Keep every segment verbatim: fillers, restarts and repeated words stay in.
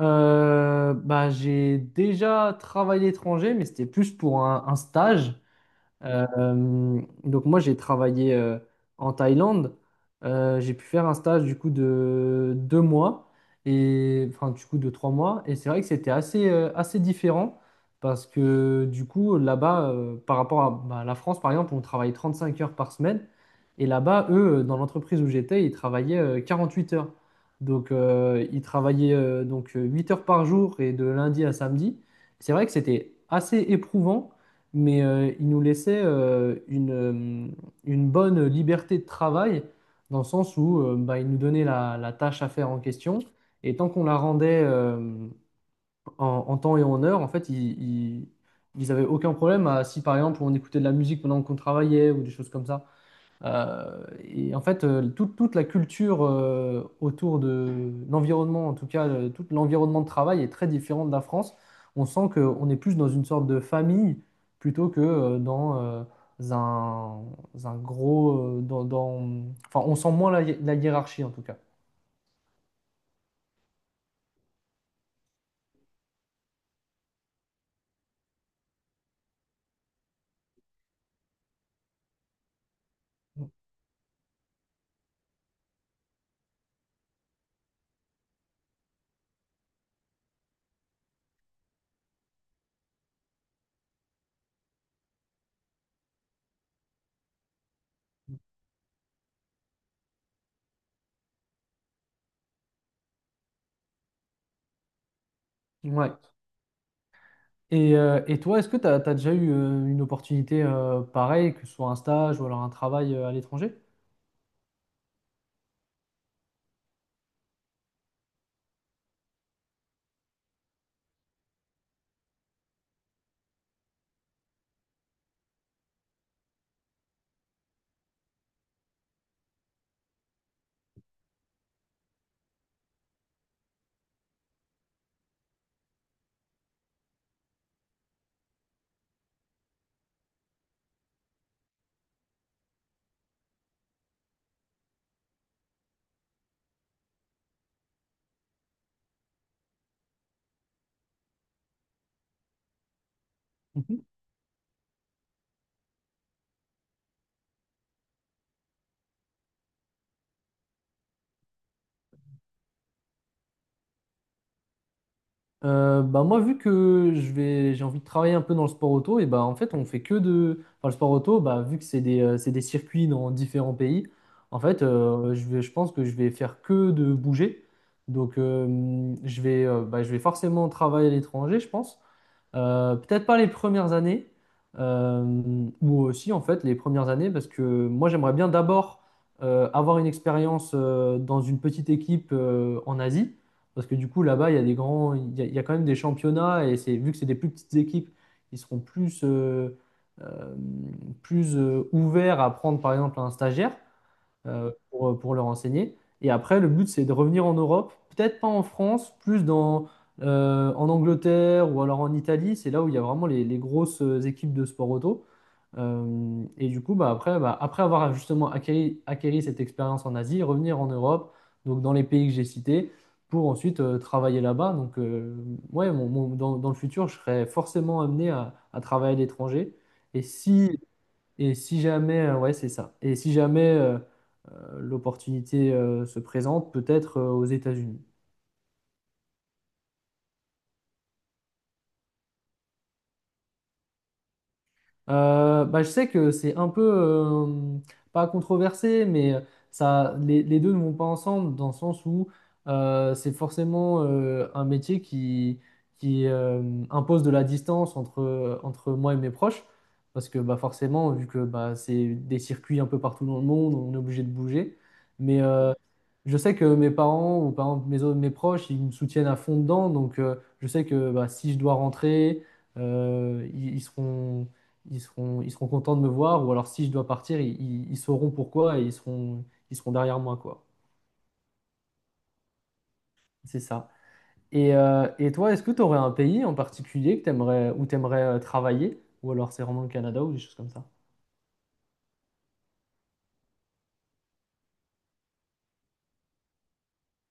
Euh, bah, j'ai déjà travaillé à l'étranger, mais c'était plus pour un, un stage. Euh, donc moi j'ai travaillé euh, en Thaïlande. Euh, j'ai pu faire un stage du coup de deux mois et enfin du coup de trois mois, et c'est vrai que c'était assez euh, assez différent, parce que du coup là-bas euh, par rapport à bah, la France par exemple, on travaille trente-cinq heures par semaine, et là-bas eux euh, dans l'entreprise où j'étais ils travaillaient euh, quarante-huit heures. Donc euh, ils travaillaient euh, donc euh, huit heures par jour, et de lundi à samedi. C'est vrai que c'était assez éprouvant, mais euh, il nous laissait euh, une, euh, une bonne liberté de travail, dans le sens où euh, bah, il nous donnait la, la tâche à faire en question, et tant qu'on la rendait euh, en, en temps et en heure, en fait, ils, ils, ils avaient aucun problème à, si par exemple on écoutait de la musique pendant qu'on travaillait ou des choses comme ça. Euh, et en fait, euh, toute, toute la culture euh, autour de l'environnement, en tout cas, euh, tout l'environnement de travail est très différent de la France. On sent qu'on est plus dans une sorte de famille plutôt que euh, dans euh, un, un gros... euh, dans, dans- Enfin, on sent moins la, hi- la hiérarchie, en tout cas. Ouais. Et, euh, et toi, est-ce que tu as déjà eu euh, une opportunité euh, pareille, que ce soit un stage ou alors un travail euh, à l'étranger? Euh, bah moi, vu que je vais, j'ai envie de travailler un peu dans le sport auto, et bah en fait, on fait que de. Enfin, le sport auto, bah, vu que c'est des, euh, c'est des circuits dans différents pays, en fait, euh, je vais, je pense que je vais faire que de bouger. Donc, euh, je vais, euh, bah, je vais forcément travailler à l'étranger, je pense. Euh, peut-être pas les premières années, euh, ou aussi en fait les premières années, parce que moi j'aimerais bien d'abord euh, avoir une expérience euh, dans une petite équipe euh, en Asie, parce que du coup là-bas il y a des grands, il y a, il y a quand même des championnats, et c'est vu que c'est des plus petites équipes, ils seront plus euh, euh, plus euh, ouverts à prendre par exemple un stagiaire euh, pour, euh, pour leur enseigner. Et après, le but, c'est de revenir en Europe, peut-être pas en France, plus dans, euh, en Angleterre ou alors en Italie. C'est là où il y a vraiment les, les grosses euh, équipes de sport auto. Euh, et du coup, bah, après, bah, après avoir justement acquéri, acquéri cette expérience en Asie, revenir en Europe, donc dans les pays que j'ai cités, pour ensuite euh, travailler là-bas. Donc, euh, ouais, mon- mon- dans, dans le futur, je serai forcément amené à, à travailler à l'étranger. Et si et si jamais, euh, ouais, c'est ça. Et si jamais euh, euh, l'opportunité euh, se présente, peut-être euh, aux États-Unis. Euh, bah, je sais que c'est un peu, euh, pas controversé, mais ça, les, les deux ne vont pas ensemble, dans le sens où euh, c'est forcément euh, un métier qui, qui euh, impose de la distance entre, entre moi et mes proches. Parce que bah, forcément, vu que bah, c'est des circuits un peu partout dans le monde, on est obligé de bouger. Mais euh, je sais que mes parents, ou par exemple mes, autres- mes proches, ils me soutiennent à fond dedans. Donc, euh, je sais que bah, si je dois rentrer, euh, ils, ils seront, ils seront, ils seront contents de me voir. Ou alors, si je dois partir, ils, ils- ils sauront pourquoi, et ils seront, ils seront derrière moi, quoi. C'est ça. Et, euh, et toi, est-ce que tu aurais un pays en particulier que t'aimerais, où tu aimerais travailler? Ou alors, c'est vraiment le Canada ou des choses comme ça?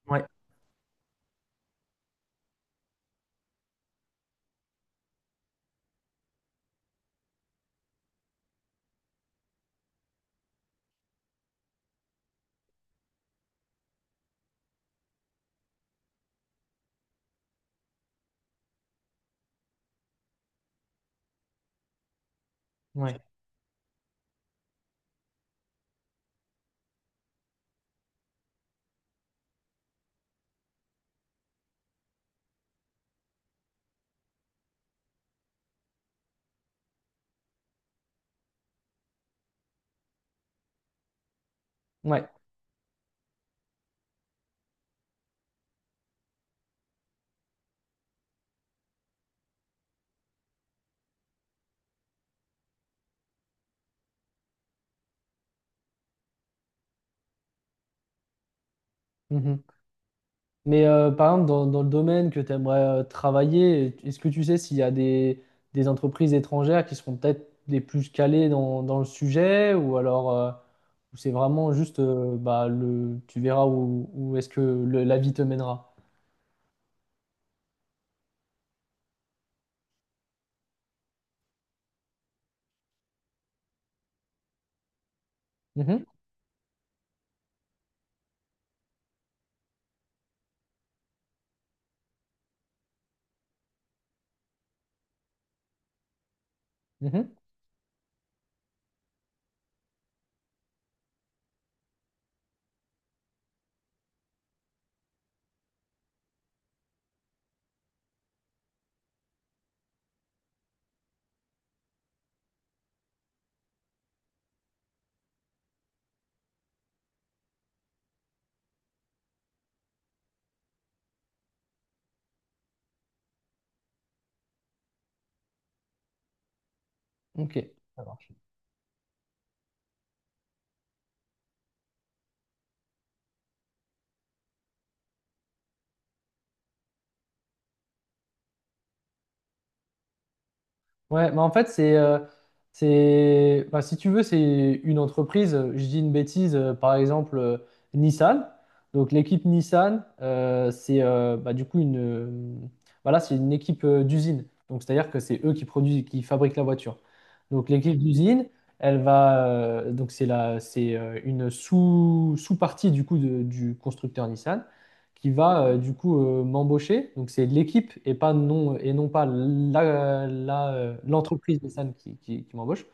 Ouais, ouais, ouais. Mhm. Mais euh, par exemple, dans, dans le domaine que tu aimerais travailler, est-ce que tu sais s'il y a des, des entreprises étrangères qui seront peut-être les plus calées dans, dans le sujet, ou alors euh, ou c'est vraiment juste euh, bah, le, tu verras où, où est-ce que le- la vie te mènera. Mhm, mhm, ok, ça marche. Ouais, mais en fait, c'est, euh, c'est, bah, si tu veux, c'est une entreprise, euh, je dis une bêtise, euh, par exemple, euh, Nissan. Donc, l'équipe Nissan, euh, c'est euh, bah, du coup une, euh, voilà, c'est une équipe euh, d'usine. Donc, c'est-à-dire que c'est eux qui produisent, qui fabriquent la voiture. Donc, l'équipe d'usine, elle va, euh, donc c'est la, c'est euh, une sous, sous-partie du coup de- du constructeur Nissan qui va euh, du coup euh, m'embaucher. Donc c'est l'équipe, et pas non et non pas la, la, euh, l'entreprise Nissan qui, qui, qui m'embauche.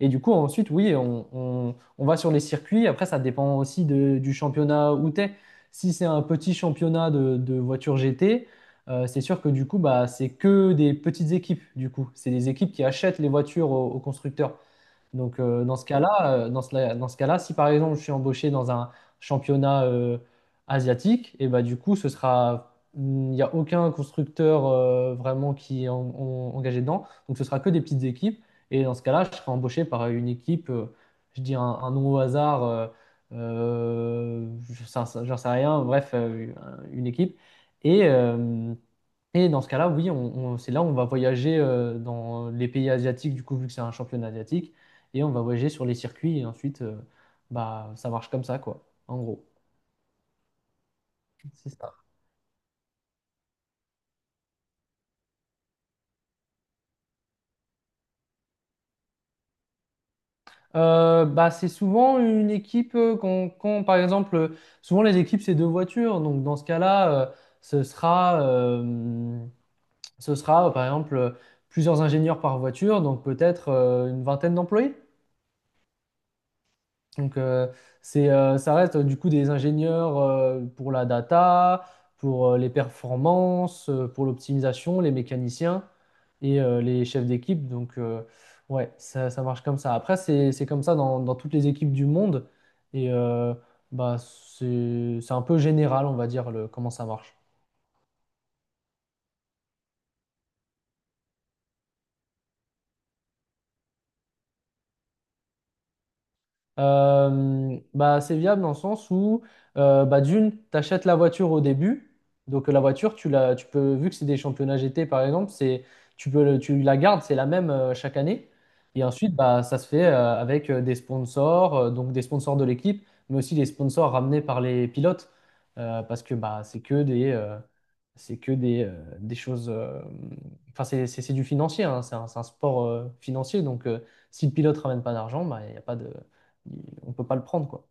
Et du coup ensuite oui on, on, on va sur les circuits. Après ça dépend aussi de- du championnat où t'es. Si c'est un petit championnat de, de voitures G T, euh, c'est sûr que du coup bah c'est que des petites équipes du coup. C'est des équipes qui achètent les voitures aux, aux constructeurs. Donc, euh, dans ce cas-là, euh, dans ce, dans ce cas-là, si par exemple je suis embauché dans un championnat euh, asiatique, et bah, du coup, ce sera, mm, il n'y a aucun constructeur euh, vraiment qui est en- en- engagé dedans. Donc, ce sera que des petites équipes. Et dans ce cas-là, je serai embauché par une équipe, euh, je dis un, un nom au hasard, euh, euh, j'en sais j'en sais rien, bref, euh, une équipe. Et. euh, et dans ce cas-là, oui, on, on- c'est là où on va voyager euh, dans les pays asiatiques, du coup, vu que c'est un championnat asiatique, et on va voyager sur les circuits, et ensuite, euh, bah, ça marche comme ça, quoi, en gros. C'est ça. Euh, bah, c'est souvent une équipe, euh, quand, quand, par exemple, euh, souvent les équipes, c'est deux voitures, donc dans ce cas-là, euh, ce sera, euh, ce sera, par exemple, euh, plusieurs ingénieurs par voiture, donc peut-être euh, une vingtaine d'employés. Donc, euh, c'est, euh, ça reste euh, du coup des ingénieurs euh, pour la data, pour euh, les performances, euh, pour l'optimisation, les mécaniciens, et euh, les chefs d'équipe. Donc, euh, ouais, ça, ça marche comme ça. Après, c'est, c'est comme ça dans, dans toutes les équipes du monde. Et euh, bah, c'est, c'est un peu général, on va dire, le- comment ça marche. Euh, bah, c'est viable dans le sens où, euh, bah, d'une, tu achètes la voiture au début. Donc, la voiture, tu la, tu peux, vu que c'est des championnats G T par exemple, c'est, tu peux, le- tu la gardes, c'est la même euh, chaque année. Et ensuite, bah, ça se fait euh, avec euh, des sponsors, euh, donc des sponsors de l'équipe, mais aussi des sponsors ramenés par les pilotes. Euh, parce que bah, c'est que des, euh, c'est que des, euh, des choses. euh, Enfin, c'est c'est- c'est du financier, hein, c'est un, c'est un sport euh, financier. Donc, euh, si le pilote ramène pas d'argent, bah, il n'y a pas de on peut pas le prendre, quoi.